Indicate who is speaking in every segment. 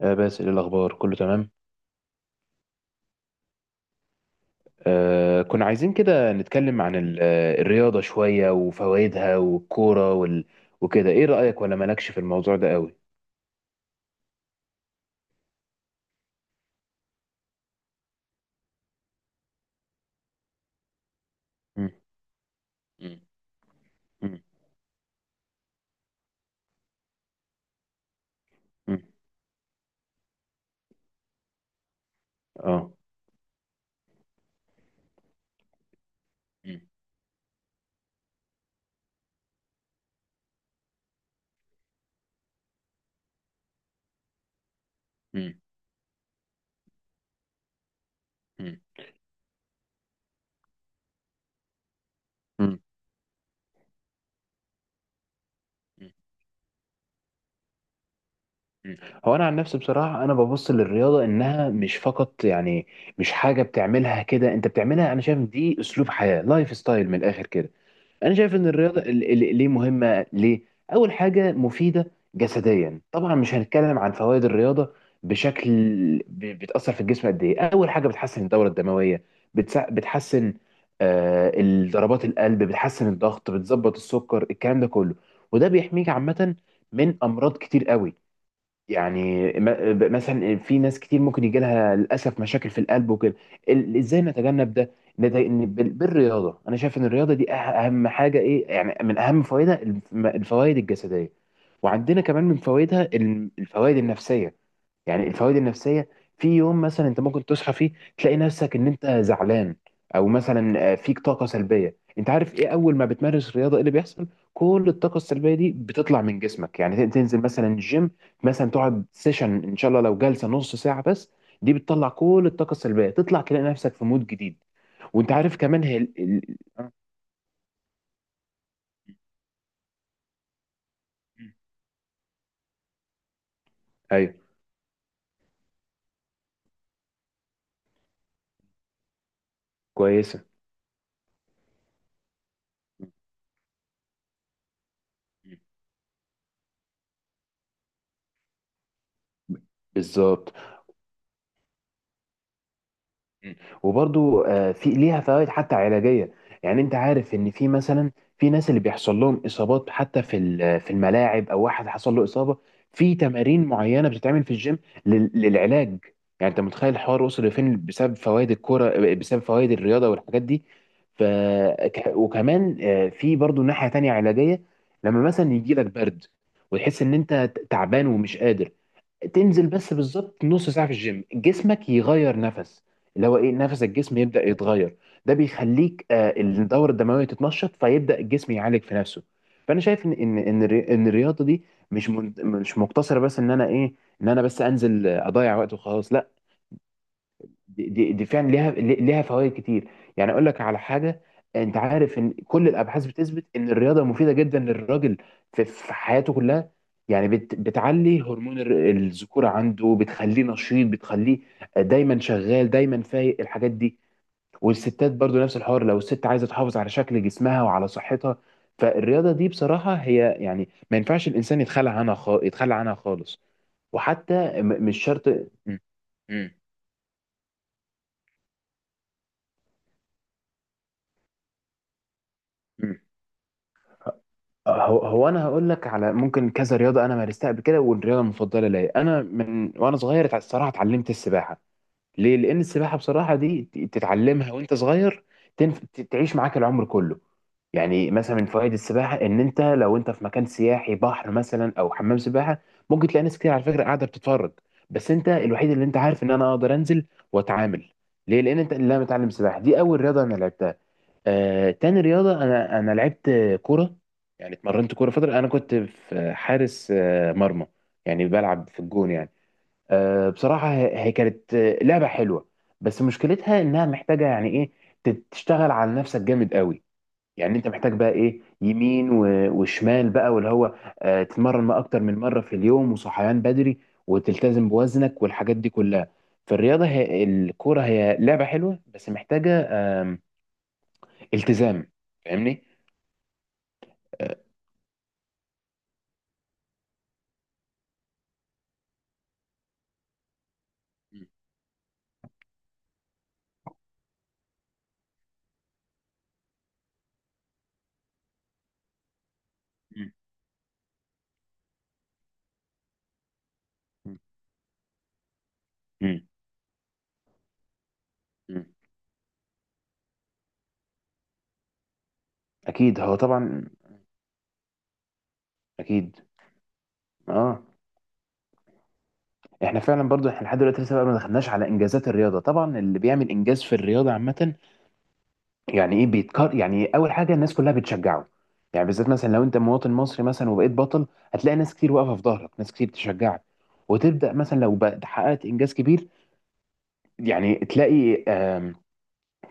Speaker 1: آه، بس إيه الأخبار، كله تمام. كنا عايزين كده نتكلم عن الرياضة شوية وفوائدها والكورة وكده. إيه رأيك، ولا مالكش في الموضوع ده قوي؟ مم. مم. مم. مم. آه. مم. مم. مم. مم. مم. مم. هو أنا عن نفسي بصراحة أنا ببص للرياضة إنها مش فقط، يعني مش حاجة بتعملها كده أنت بتعملها، أنا شايف دي أسلوب حياة، لايف ستايل من الآخر كده. انا شايف ان الرياضه ليه مهمه. ليه؟ اول حاجه مفيده جسديا، طبعا مش هنتكلم عن فوائد الرياضه بشكل، بتاثر في الجسم قد ايه. اول حاجه بتحسن الدوره الدمويه، بتحسن آه ضربات القلب، بتحسن الضغط، بتظبط السكر، الكلام ده كله. وده بيحميك عامه من امراض كتير قوي. يعني مثلا في ناس كتير ممكن يجي لها للاسف مشاكل في القلب وكده. ازاي نتجنب ده؟ بالرياضه. انا شايف ان الرياضه دي اهم حاجه، ايه يعني من اهم فوائدها؟ الفوائد الجسديه. وعندنا كمان من فوائدها الفوائد النفسيه. يعني الفوائد النفسيه، في يوم مثلا انت ممكن تصحى فيه تلاقي نفسك ان انت زعلان، او مثلا فيك طاقه سلبيه. انت عارف ايه اول ما بتمارس رياضه ايه اللي بيحصل؟ كل الطاقه السلبيه دي بتطلع من جسمك. يعني تنزل مثلا جيم، مثلا تقعد سيشن ان شاء الله، لو جلسه نص ساعه بس، دي بتطلع كل الطاقه السلبيه، تطلع تلاقي نفسك في مود جديد. وانت عارف كمان، هي ال... ال... آه. ايوه. كويسه. بالظبط. مم. وبرضو في ليها فوائد حتى علاجيه. يعني انت عارف ان في مثلا، في ناس اللي بيحصل لهم اصابات حتى في في الملاعب، او واحد حصل له اصابه، في تمارين معينه بتتعمل في الجيم للعلاج. يعني انت متخيل الحوار وصل لفين بسبب فوائد الكوره، بسبب فوائد الرياضه والحاجات دي. ف وكمان في برضو ناحيه تانية علاجيه. لما مثلا يجي لك برد وتحس ان انت تعبان ومش قادر، تنزل بس بالظبط نص ساعة في الجيم، جسمك يغير نفس، اللي هو ايه، نفس الجسم يبدأ يتغير. ده بيخليك الدورة الدموية تتنشط، فيبدأ الجسم يعالج في نفسه. فأنا شايف إن الرياضة دي مش مقتصرة بس إن أنا بس أنزل أضيع وقت وخلاص. لا، دي فعلا ليها فوائد كتير. يعني اقول لك على حاجه، انت عارف ان كل الابحاث بتثبت ان الرياضه مفيده جدا للراجل، في حياته كلها. يعني بتعلي هرمون الذكوره عنده، بتخليه نشيط، بتخليه دايما شغال، دايما فايق، الحاجات دي. والستات برضو نفس الحوار، لو الست عايزه تحافظ على شكل جسمها وعلى صحتها، فالرياضه دي بصراحه هي يعني ما ينفعش الانسان يتخلى عنها يتخلى عنها خالص. وحتى مش شرط م- م- م. هو انا هقول لك على ممكن كذا رياضه انا مارستها قبل كده. والرياضه المفضله ليا انا من وانا صغير، الصراحه اتعلمت السباحه. ليه؟ لان السباحه بصراحه دي تتعلمها وانت صغير، تعيش معاك العمر كله. يعني مثلا من فوائد السباحه، ان انت لو انت في مكان سياحي، بحر مثلا او حمام سباحه، ممكن تلاقي ناس كتير على فكره قاعده بتتفرج، بس انت الوحيد اللي انت عارف ان انا اقدر انزل واتعامل. ليه؟ لان انت اللي متعلم سباحه. دي اول رياضه انا لعبتها. تاني رياضة أنا لعبت كورة. يعني اتمرنت كورة فترة. أنا كنت في حارس مرمى، يعني بلعب في الجون يعني. بصراحة هي كانت لعبة حلوة. بس مشكلتها إنها محتاجة يعني إيه، تشتغل على نفسك جامد قوي. يعني أنت محتاج بقى إيه، يمين وشمال بقى، واللي هو تتمرن ما أكتر من مرة في اليوم، وصحيان بدري، وتلتزم بوزنك، والحاجات دي كلها. فالرياضة هي الكورة هي لعبة حلوة، بس محتاجة آم، التزام، فاهمني؟ آه. مم. مم. مم. مم. مم. اكيد، هو طبعا اكيد. اه. احنا فعلا برضو احنا لحد دلوقتي لسه بقى ما دخلناش على انجازات الرياضه. طبعا اللي بيعمل انجاز في الرياضه عامه، يعني ايه بيتكر؟ يعني اول حاجه الناس كلها بتشجعه. يعني بالذات مثلا لو انت مواطن مصري مثلا وبقيت بطل، هتلاقي ناس كتير واقفه في ظهرك، ناس كتير تشجعك. وتبدا مثلا لو حققت انجاز كبير، يعني تلاقي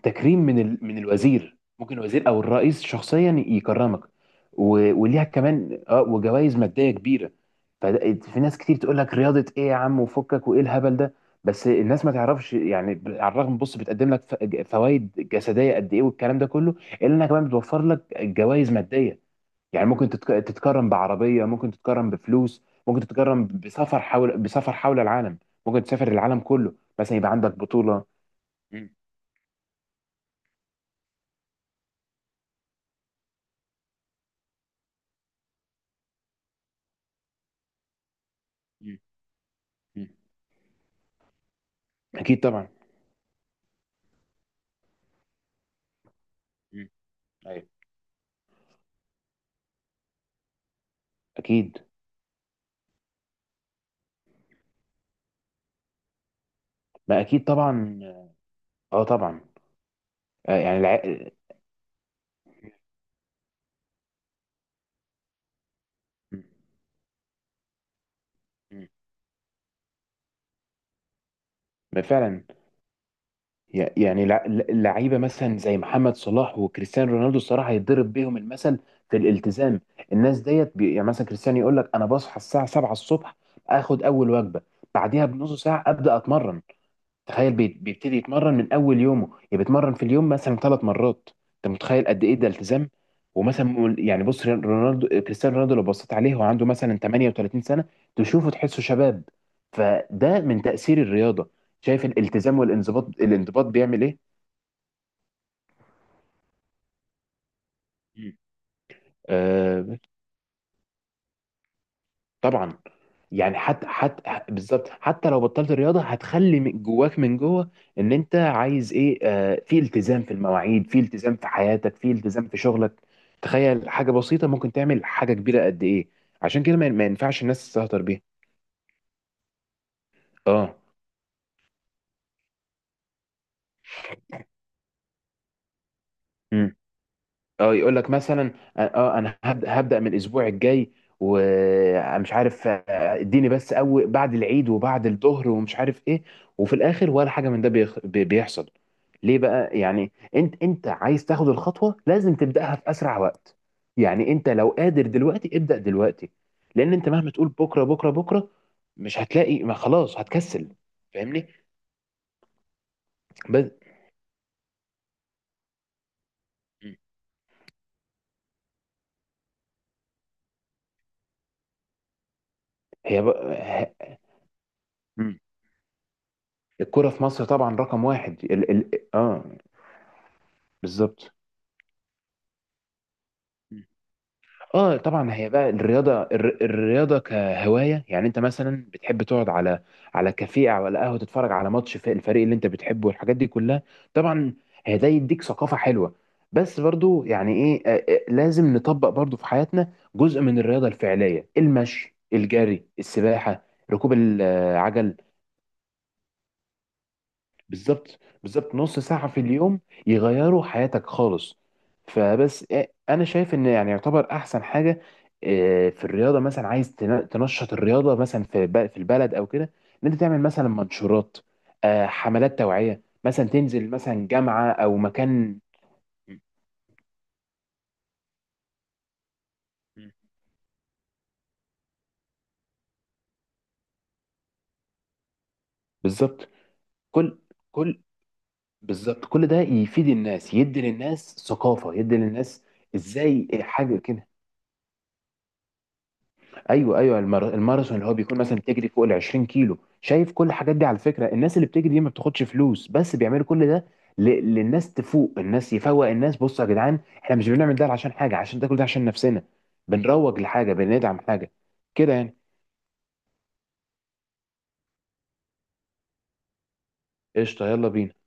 Speaker 1: تكريم من من الوزير، ممكن الوزير او الرئيس شخصيا يكرمك. وليها كمان اه وجوائز ماديه كبيره. ففي ناس كتير تقول لك رياضه ايه يا عم وفكك وايه الهبل ده، بس الناس ما تعرفش، يعني على الرغم بص بتقدم لك فوائد جسديه قد ايه والكلام ده كله، الا انها كمان بتوفر لك جوائز ماديه. يعني ممكن تتكرم بعربيه، ممكن تتكرم بفلوس، ممكن تتكرم بسفر حول العالم. ممكن تسافر العالم كله مثلا، يبقى عندك بطوله. مم. مم. مم. اكيد طبعا. مم. ايوه. اكيد. ما اكيد طبعا. اه طبعا. آه يعني مم. مم. ما فعلا. يعني لعيبه مثلا زي محمد صلاح وكريستيانو رونالدو الصراحه هيتضرب بيهم المثل في الالتزام. الناس ديت يعني مثلا كريستيانو يقول لك انا بصحى الساعه 7 الصبح، اخد اول وجبه، بعديها بنص ساعه ابدا اتمرن. تخيل بيبتدي يتمرن من اول يومه، يعني بيتمرن في اليوم مثلا 3 مرات. انت متخيل قد ايه ده التزام! ومثلا يعني بص كريستيانو رونالدو، لو بصيت عليه هو عنده مثلا 38 سنه، تشوفه تحسه شباب. فده من تاثير الرياضه. شايف الالتزام والانضباط. بيعمل ايه؟ مم. طبعا. يعني حتى بالظبط حتى لو بطلت الرياضه هتخلي من جواك من جوه ان انت عايز ايه، في التزام في المواعيد، في التزام في حياتك، في التزام في شغلك. تخيل حاجه بسيطه ممكن تعمل حاجه كبيره قد ايه. عشان كده ما ينفعش الناس تستهتر بيها. اه. اه يقول لك مثلا انا هبدا من الاسبوع الجاي، ومش عارف اديني بس اول بعد العيد، وبعد الظهر، ومش عارف ايه، وفي الاخر ولا حاجه من ده بيحصل. ليه بقى؟ يعني انت عايز تاخد الخطوه لازم تبداها في اسرع وقت. يعني انت لو قادر دلوقتي ابدا دلوقتي. لان انت مهما تقول بكره بكره بكره مش هتلاقي، ما خلاص هتكسل، فاهمني؟ بس. هي بقى ه- الكرة في مصر طبعا رقم واحد ال ال اه بالظبط. مم. اه طبعا. هي بقى الرياضه الرياضه كهوايه. يعني انت مثلا بتحب تقعد على كافيه او على قهوه، تتفرج على ماتش في الفريق اللي انت بتحبه والحاجات دي كلها، طبعا. هي ده يديك ثقافه حلوه. بس برضو يعني ايه، لازم نطبق برضو في حياتنا جزء من الرياضه الفعليه، المشي، الجري، السباحه، ركوب العجل. بالظبط، بالظبط، نص ساعة في اليوم يغيروا حياتك خالص. فبس انا شايف ان يعني يعتبر احسن حاجة في الرياضة، مثلا عايز تنشط الرياضة مثلا في في البلد او كده، ان انت تعمل مثلا منشورات، حملات توعية، مثلا تنزل مثلا جامعة او مكان. بالظبط. كل كل بالظبط كل ده يفيد الناس، يدي للناس ثقافة، يدي للناس. ازاي حاجة كده؟ ايوه، ايوه. الماراثون اللي هو بيكون مثلا بتجري فوق ال 20 كيلو، شايف؟ كل الحاجات دي على فكره، الناس اللي بتجري دي ما بتاخدش فلوس، بس بيعملوا كل ده للناس تفوق. الناس يفوق الناس، بصوا يا جدعان، احنا مش بنعمل ده عشان حاجه، عشان ده كل ده عشان نفسنا، بنروج لحاجه، بندعم حاجه كده يعني. قشطه، يلا بينا.